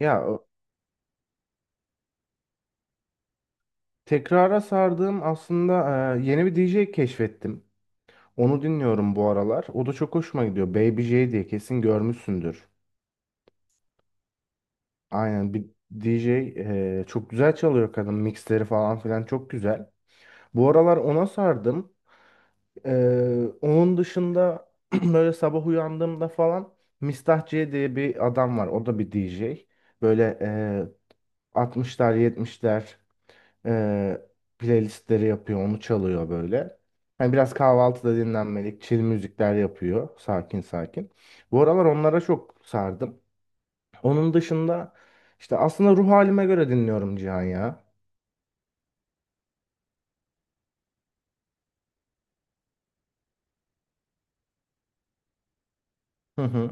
Ya o- tekrara sardığım aslında yeni bir DJ keşfettim. Onu dinliyorum bu aralar. O da çok hoşuma gidiyor. Baby J diye kesin görmüşsündür. Aynen, bir DJ, çok güzel çalıyor kadın. Mixleri falan filan çok güzel. Bu aralar ona sardım. Onun dışında böyle sabah uyandığımda falan, Mistah C diye bir adam var. O da bir DJ. Böyle 60'lar 70'ler e, playlistleri yapıyor, onu çalıyor böyle. Hani biraz kahvaltıda dinlenmelik, chill müzikler yapıyor, sakin sakin. Bu aralar onlara çok sardım. Onun dışında işte aslında ruh halime göre dinliyorum, Cihan ya. Hı hı.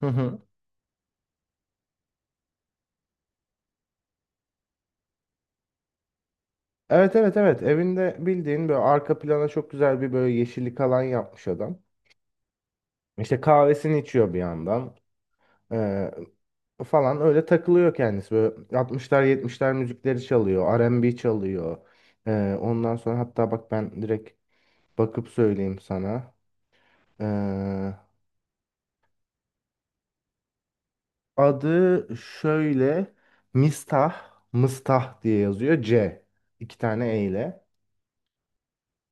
Hı hı. Evet, evet, evet, evinde bildiğin böyle arka plana çok güzel bir böyle yeşillik alan yapmış adam. İşte kahvesini içiyor bir yandan. Ee, Falan öyle takılıyor kendisi. Böyle 60'lar 70'ler müzikleri çalıyor. R&B çalıyor. Ondan sonra hatta bak, ben direkt bakıp söyleyeyim sana. Ee, Adı şöyle, Mistah, Mıstah diye yazıyor. C. İki tane E ile.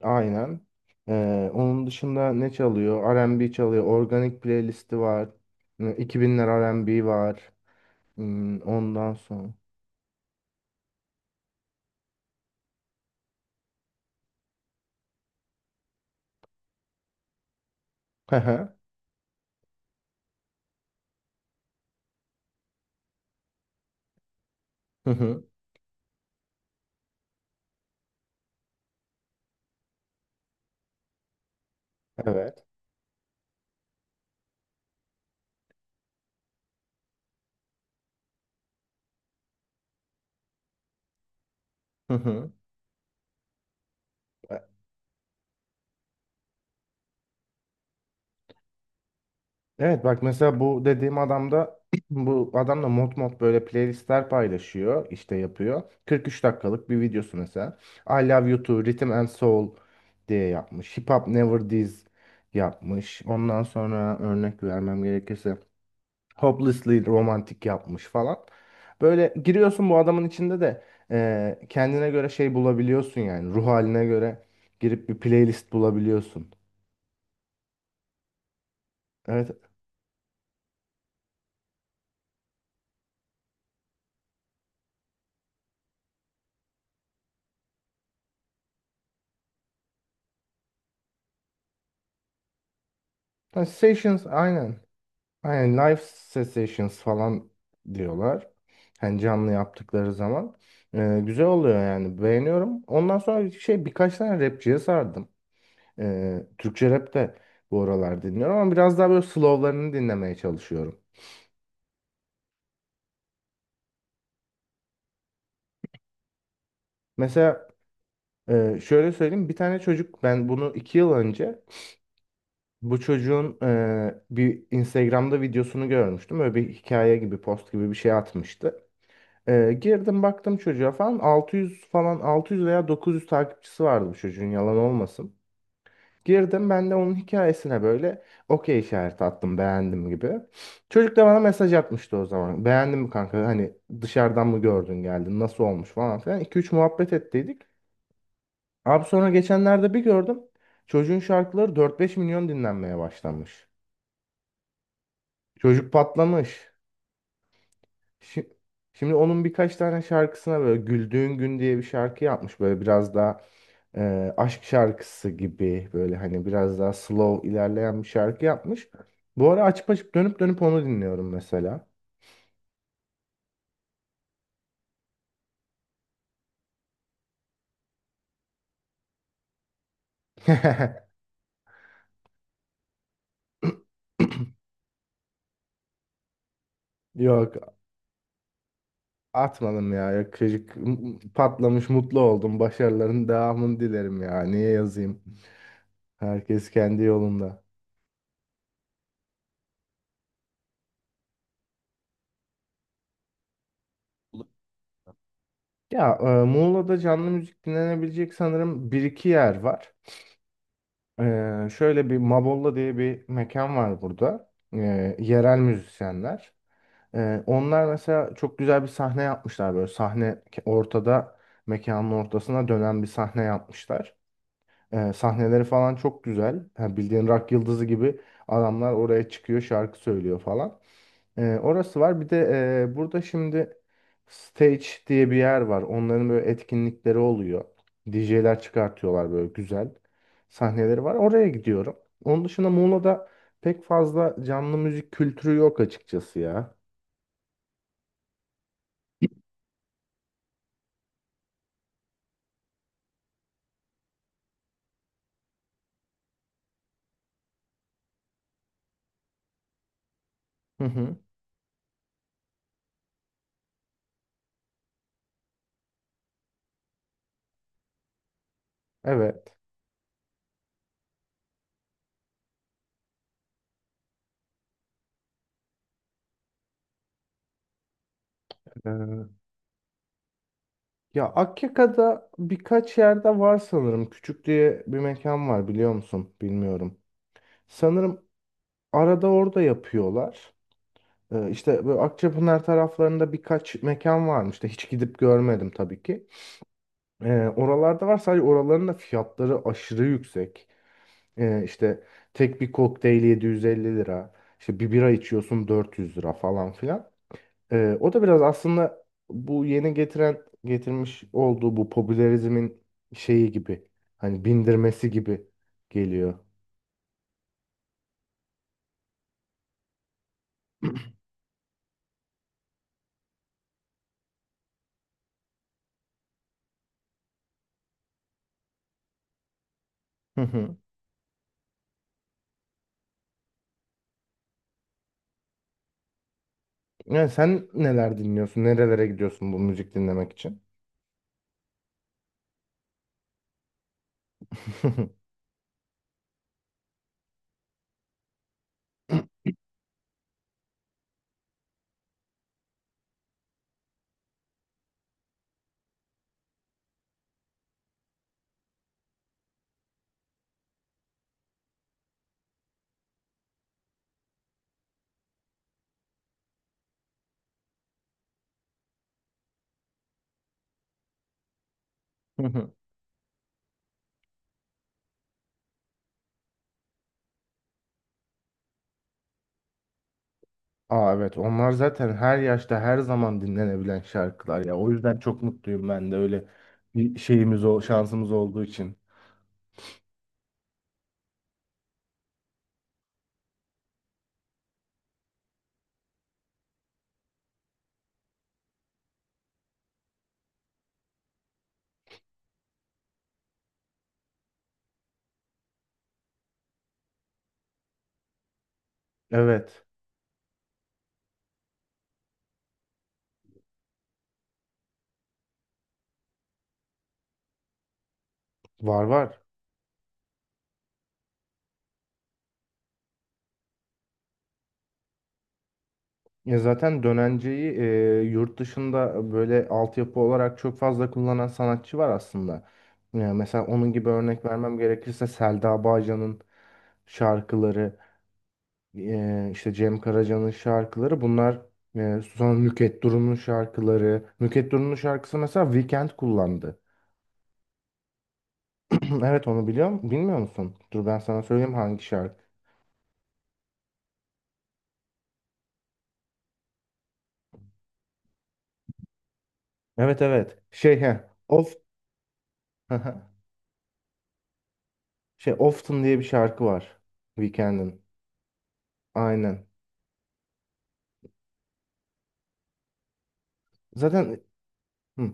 Aynen. Onun dışında ne çalıyor? R&B çalıyor. Organik playlisti var. 2000'ler R&B var. Hmm, ondan sonra. Hı hı. Hı hı. Evet. E, Evet, bak mesela bu dediğim adam da bu adam da mod mod böyle playlistler paylaşıyor, işte yapıyor. 43 dakikalık bir videosu mesela. I Love You Too, Rhythm and Soul diye yapmış. Hip Hop Never Dies yapmış. Ondan sonra örnek vermem gerekirse Hopelessly Romantic yapmış falan. Böyle giriyorsun bu adamın içinde de kendine göre şey bulabiliyorsun yani, ruh haline göre girip bir playlist bulabiliyorsun. Evet. Ha, Sessions aynen. Aynen live sessions falan diyorlar. Hani canlı yaptıkları zaman. Güzel oluyor yani. Beğeniyorum. Ondan sonra şey birkaç tane rapçiye sardım. Türkçe rap de bu aralar dinliyorum ama biraz daha böyle slowlarını dinlemeye çalışıyorum. Mesela, şöyle söyleyeyim. Bir tane çocuk, ben bunu 2 yıl önce bu çocuğun bir Instagram'da videosunu görmüştüm. Böyle bir hikaye gibi, post gibi bir şey atmıştı. Girdim baktım çocuğa falan, 600 falan, 600 veya 900 takipçisi vardı bu çocuğun, yalan olmasın. Girdim ben de onun hikayesine böyle okey işareti attım, beğendim gibi. Çocuk da bana mesaj atmıştı o zaman. Beğendin mi kanka, hani dışarıdan mı gördün geldin, nasıl olmuş falan filan. 2-3 muhabbet ettiydik. Abi sonra geçenlerde bir gördüm. Çocuğun şarkıları 4-5 milyon dinlenmeye başlamış. Çocuk patlamış. Şi- Şimdi onun birkaç tane şarkısına böyle Güldüğün Gün diye bir şarkı yapmış. Böyle biraz daha aşk şarkısı gibi, böyle hani biraz daha slow ilerleyen bir şarkı yapmış. Bu ara açıp açıp dönüp dönüp onu dinliyorum mesela. Yok, atmadım ya. Yakışık patlamış, mutlu oldum, başarıların devamını dilerim, ya niye yazayım, herkes kendi yolunda. Ya, Muğla'da canlı müzik dinlenebilecek sanırım bir iki yer var. Şöyle bir Mabolla diye bir mekan var burada. Yerel müzisyenler. Onlar mesela çok güzel bir sahne yapmışlar, böyle sahne ortada, mekanın ortasına dönen bir sahne yapmışlar. Sahneleri falan çok güzel. Ha, bildiğin rock yıldızı gibi adamlar oraya çıkıyor, şarkı söylüyor falan. Orası var. Bir de burada şimdi stage diye bir yer var. Onların böyle etkinlikleri oluyor. DJ'ler çıkartıyorlar, böyle güzel sahneleri var. Oraya gidiyorum. Onun dışında Muğla'da pek fazla canlı müzik kültürü yok açıkçası ya. Hı hı. Evet. Ee, Ya, Akyaka'da birkaç yerde var sanırım. Küçük diye bir mekan var, biliyor musun? Bilmiyorum. Sanırım arada orada yapıyorlar. İşte böyle Akçapınar taraflarında birkaç mekan varmış da hiç gidip görmedim tabii ki. Oralarda var, sadece oraların da fiyatları aşırı yüksek. İşte tek bir kokteyl 750 lira. İşte bir bira içiyorsun 400 lira falan filan. O da biraz aslında bu yeni getirmiş olduğu bu popülerizmin şeyi gibi, hani bindirmesi gibi geliyor. Hı hı. Yani sen neler dinliyorsun? Nerelere gidiyorsun bu müzik dinlemek için? Hı hı. Aa, evet, onlar zaten her yaşta her zaman dinlenebilen şarkılar ya. O yüzden çok mutluyum, ben de öyle bir şeyimiz, o şansımız olduğu için. Evet, var var. Ya zaten dönenceyi yurt dışında böyle altyapı olarak çok fazla kullanan sanatçı var aslında. Ya mesela onun gibi örnek vermem gerekirse Selda Bağcan'ın şarkıları, işte Cem Karaca'nın şarkıları, bunlar sonra Nükhet Duru'nun şarkıları. Nükhet Duru'nun şarkısı mesela Weekend kullandı. Evet, onu biliyorum. Bilmiyor musun? Dur ben sana söyleyeyim hangi şarkı. Evet evet. Şey he. Of şey Often diye bir şarkı var. Weekend'in. Aynen. Zaten hı,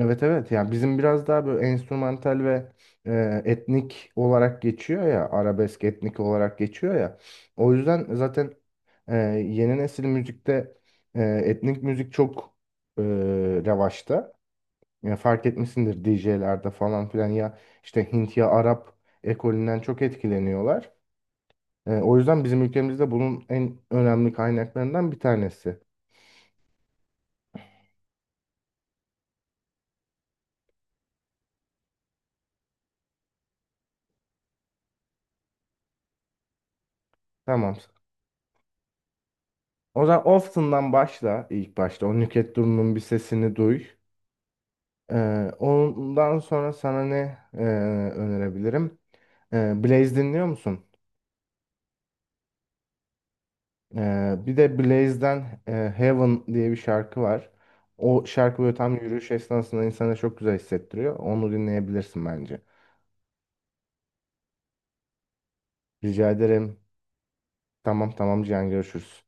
evet evet, yani bizim biraz daha böyle enstrümantal ve etnik olarak geçiyor ya, arabesk etnik olarak geçiyor ya, o yüzden zaten e, yeni nesil müzikte etnik müzik çok e, revaçta. Ya fark etmişsindir, DJ'lerde falan filan ya, işte Hint ya Arap ekolünden çok etkileniyorlar. O yüzden bizim ülkemizde bunun en önemli kaynaklarından bir tanesi. Tamam. O zaman Often'dan başla ilk başta. O Nükhet Duru'nun bir sesini duy. Ondan sonra sana ne önerebilirim? Blaze dinliyor musun? Bir de Blaze'den Heaven diye bir şarkı var. O şarkı böyle tam yürüyüş esnasında insana çok güzel hissettiriyor. Onu dinleyebilirsin bence. Rica ederim. Tamam, tamam, Cihan, görüşürüz.